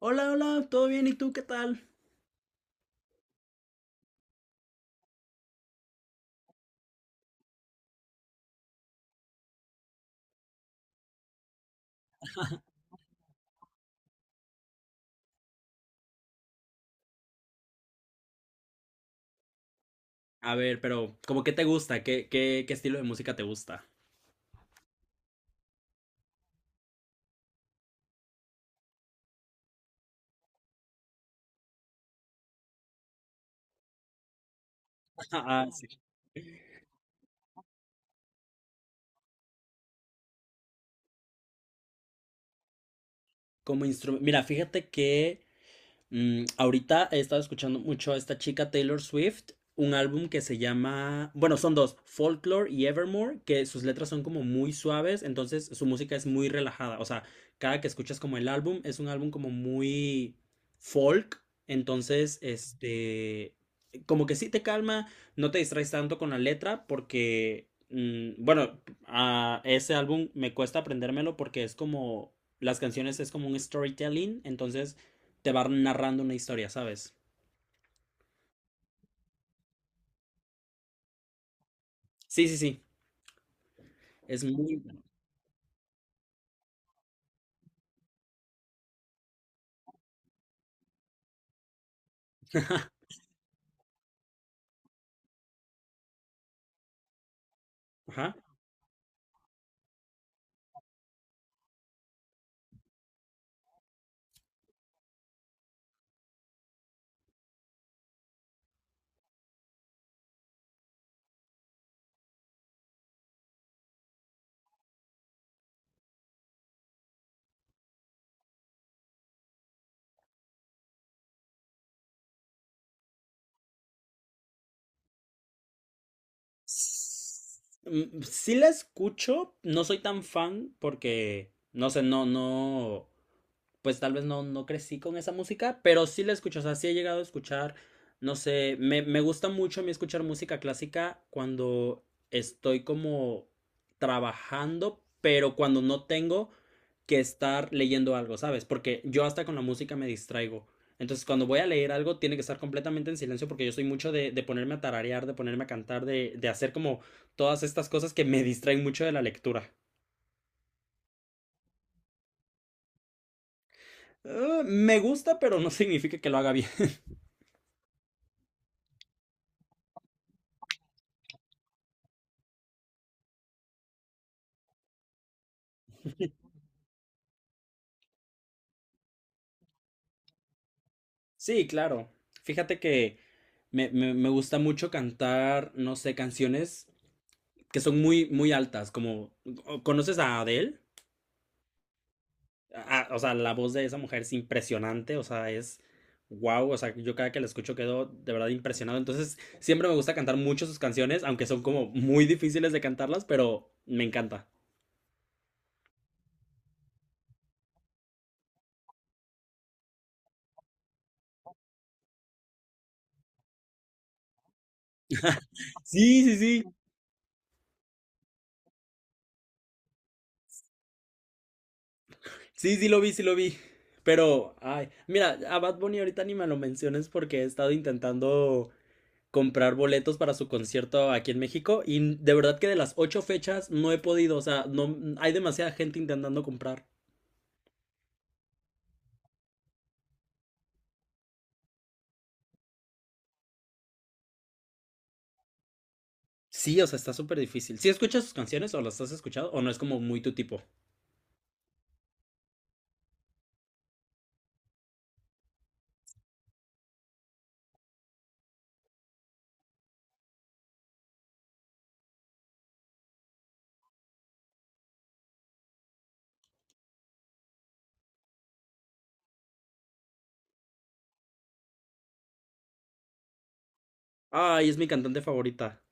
Hola, hola, ¿todo bien? ¿Y tú qué tal? A ver, pero ¿cómo qué te gusta? ¿Qué estilo de música te gusta? Ah, sí. Como instrumento. Mira, fíjate que ahorita he estado escuchando mucho a esta chica Taylor Swift, un álbum que se llama, bueno, son dos, Folklore y Evermore, que sus letras son como muy suaves, entonces su música es muy relajada. O sea, cada que escuchas como el álbum es un álbum como muy folk, entonces, este, como que sí te calma, no te distraes tanto con la letra porque, bueno, a ese álbum me cuesta aprendérmelo porque es como, las canciones es como un storytelling, entonces te va narrando una historia, ¿sabes? Sí, sí, sí. Es muy... bueno. Ajá. S- Mm, sí la escucho, no soy tan fan porque, no sé, no, no, pues tal vez no, no crecí con esa música, pero sí la escucho. O sea, sí he llegado a escuchar, no sé, me gusta mucho a mí escuchar música clásica cuando estoy como trabajando, pero cuando no tengo que estar leyendo algo, ¿sabes? Porque yo hasta con la música me distraigo. Entonces, cuando voy a leer algo, tiene que estar completamente en silencio porque yo soy mucho de ponerme a tararear, de ponerme a cantar, de hacer como todas estas cosas que me distraen mucho de la lectura. Me gusta, pero no significa que lo haga bien. Sí, claro. Fíjate que me gusta mucho cantar, no sé, canciones que son muy, muy altas, como... ¿Conoces a Adele? O sea, la voz de esa mujer es impresionante, o sea, es wow. O sea, yo cada que la escucho quedo de verdad impresionado. Entonces, siempre me gusta cantar mucho sus canciones, aunque son como muy difíciles de cantarlas, pero me encanta. Sí, sí, sí. Sí, sí lo vi, sí lo vi. Pero, ay, mira, a Bad Bunny ahorita ni me lo menciones porque he estado intentando comprar boletos para su concierto aquí en México y de verdad que de las ocho fechas no he podido. O sea, no hay demasiada gente intentando comprar. Sí, o sea, está súper difícil. ¿Sí escuchas sus canciones o las has escuchado o no es como muy tu tipo? Ay, es mi cantante favorita.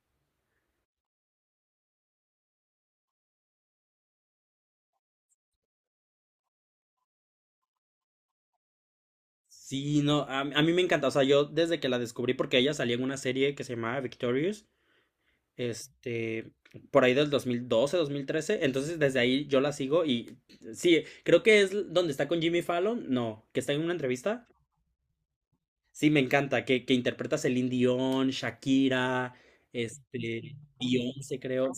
Sí, no, a mí me encanta. O sea, yo desde que la descubrí, porque ella salía en una serie que se llamaba Victorious, este, por ahí del 2012, 2013. Entonces, desde ahí yo la sigo y sí, creo que es donde está con Jimmy Fallon. No, que está en una entrevista. Sí, me encanta, que interpreta a Celine Dion, Shakira, este, Beyoncé, creo.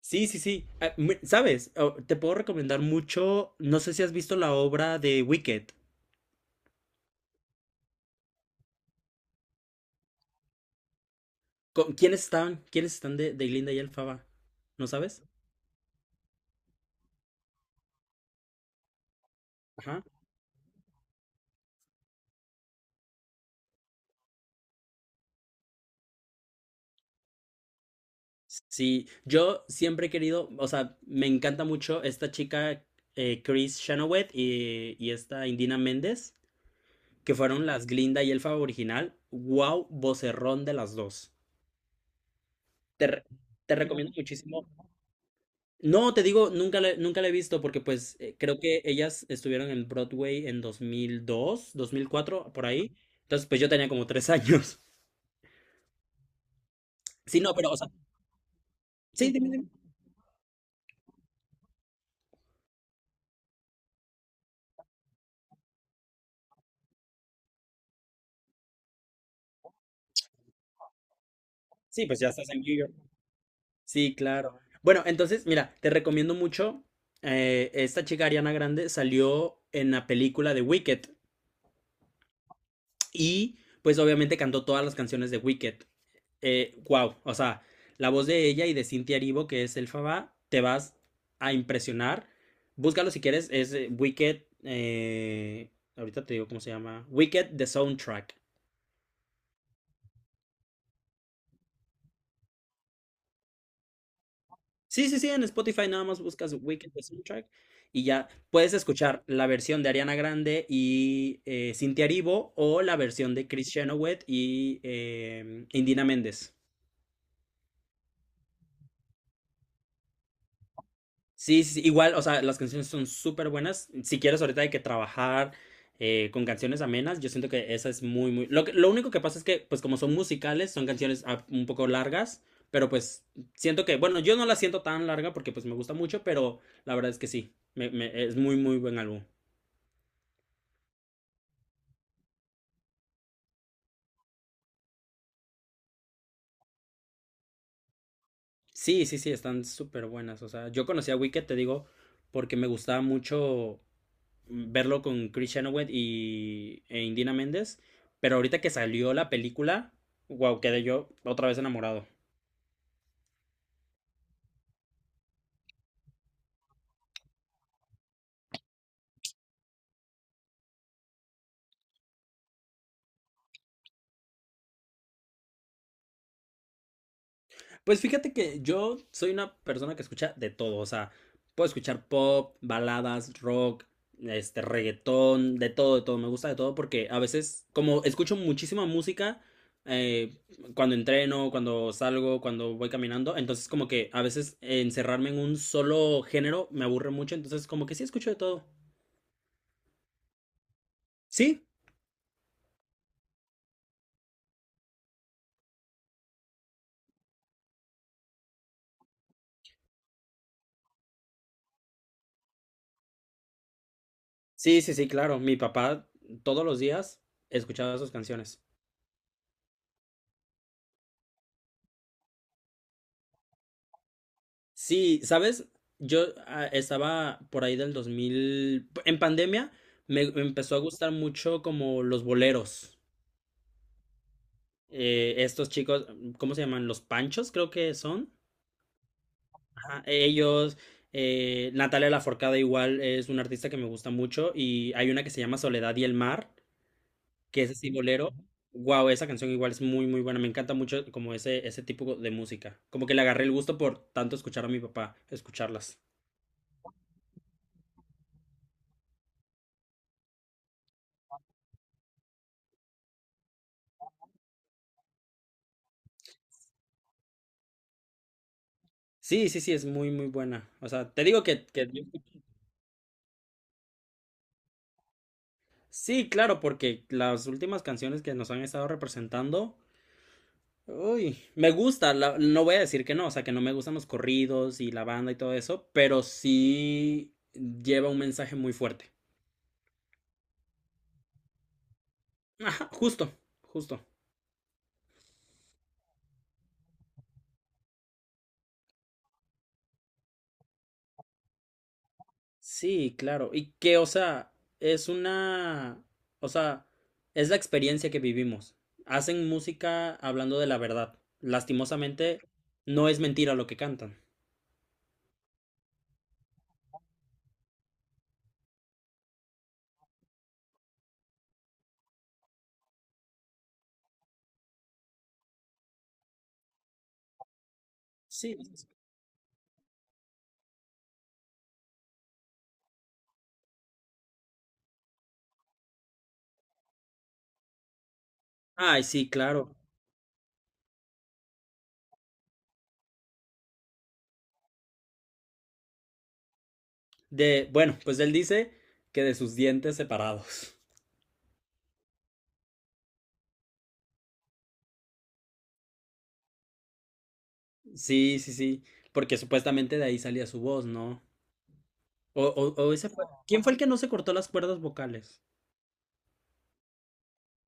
Sí, sí, sí. Ah, ¿Sabes? Oh, te puedo recomendar mucho. No sé si has visto la obra de Wicked. ¿Quiénes están? ¿Quiénes están de Glinda y Elfaba? ¿No sabes? Ajá. Sí, yo siempre he querido, o sea, me encanta mucho esta chica, Chris Chenoweth y esta Indina Méndez, que fueron las Glinda y Elfaba original. Wow, vocerrón de las dos. Te, re- te recomiendo muchísimo. No, te digo, nunca la he visto porque pues creo que ellas estuvieron en Broadway en dos mil dos, dos mil cuatro por ahí. Entonces pues yo tenía como tres años. Sí, no, pero o sea, sí, dime, dime. Sí, pues ya estás en New York. Sí, claro. Bueno, entonces mira, te recomiendo mucho. Esta chica Ariana Grande salió en la película de Wicked. Y pues obviamente cantó todas las canciones de Wicked. Wow, o sea, la voz de ella y de Cynthia Aribo, que es el Faba, te vas a impresionar. Búscalo si quieres, es Wicked. Ahorita te digo cómo se llama. Wicked The Soundtrack. Sí, sí, sí, en Spotify nada más buscas Wicked The Soundtrack y ya puedes escuchar la versión de Ariana Grande y Cintia Aribo o la versión de Chris Chenoweth y Indina Méndez. Sí, sí, sí, igual, o sea, las canciones son súper buenas. Si quieres ahorita hay que trabajar con canciones amenas, yo siento que esa es muy, muy... lo único que pasa es que, pues como son musicales, son canciones un poco largas, pero pues siento que, bueno, yo no la siento tan larga porque pues me gusta mucho, pero la verdad es que sí, es muy, muy buen álbum. Sí, sí, sí, están súper buenas. O sea, yo conocí a Wicked, te digo, porque me gustaba mucho verlo con Chris Chenoweth y, e Indina Méndez. Pero ahorita que salió la película, wow, quedé yo otra vez enamorado. Pues fíjate que yo soy una persona que escucha de todo. O sea, puedo escuchar pop, baladas, rock, este, reggaetón, de todo, de todo. Me gusta de todo porque a veces, como escucho muchísima música, eh, cuando entreno, cuando salgo, cuando voy caminando. Entonces, como que a veces encerrarme en un solo género me aburre mucho. Entonces, como que sí escucho de todo. Sí. Sí, sí, sí, claro. Mi papá todos los días escuchaba sus canciones. Sí, ¿sabes? Yo estaba por ahí del 2000 en pandemia me empezó a gustar mucho como los boleros. Estos chicos, ¿cómo se llaman? Los Panchos, creo que son. Ajá, ellos, Natalia Laforcada igual es una artista que me gusta mucho y hay una que se llama Soledad y el Mar, que es así bolero. Wow, esa canción igual es muy, muy buena. Me encanta mucho como ese tipo de música. Como que le agarré el gusto por tanto escuchar a mi papá, escucharlas. Sí, sí, sí, es muy, muy buena. O sea, te digo sí, claro, porque las últimas canciones que nos han estado representando, uy, me gusta, no voy a decir que no, o sea, que no me gustan los corridos y la banda y todo eso, pero sí lleva un mensaje muy fuerte. Ajá, justo, justo. Sí, claro. Y que, o sea, es una, o sea, es la experiencia que vivimos. Hacen música hablando de la verdad. Lastimosamente, no es mentira lo que cantan. Sí. Ay, sí, claro. De, bueno, pues él dice que de sus dientes separados. Sí, sí, sí. Porque supuestamente de ahí salía su voz, ¿no? O ese fue. ¿Quién fue el que no se cortó las cuerdas vocales?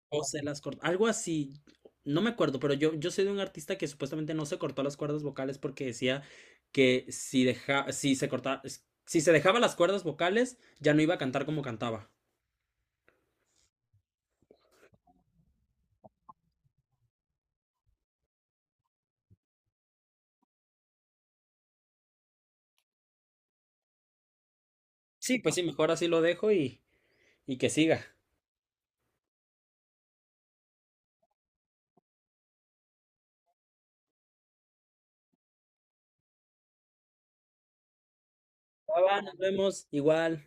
O se las cortó. Algo así. No me acuerdo, pero yo sé de un artista que supuestamente no se cortó las cuerdas vocales porque decía que si deja, si se corta si se dejaba las cuerdas vocales, ya no iba a cantar como cantaba. Sí, pues sí, mejor así lo dejo y que siga. Va, va, nos vemos. Igual.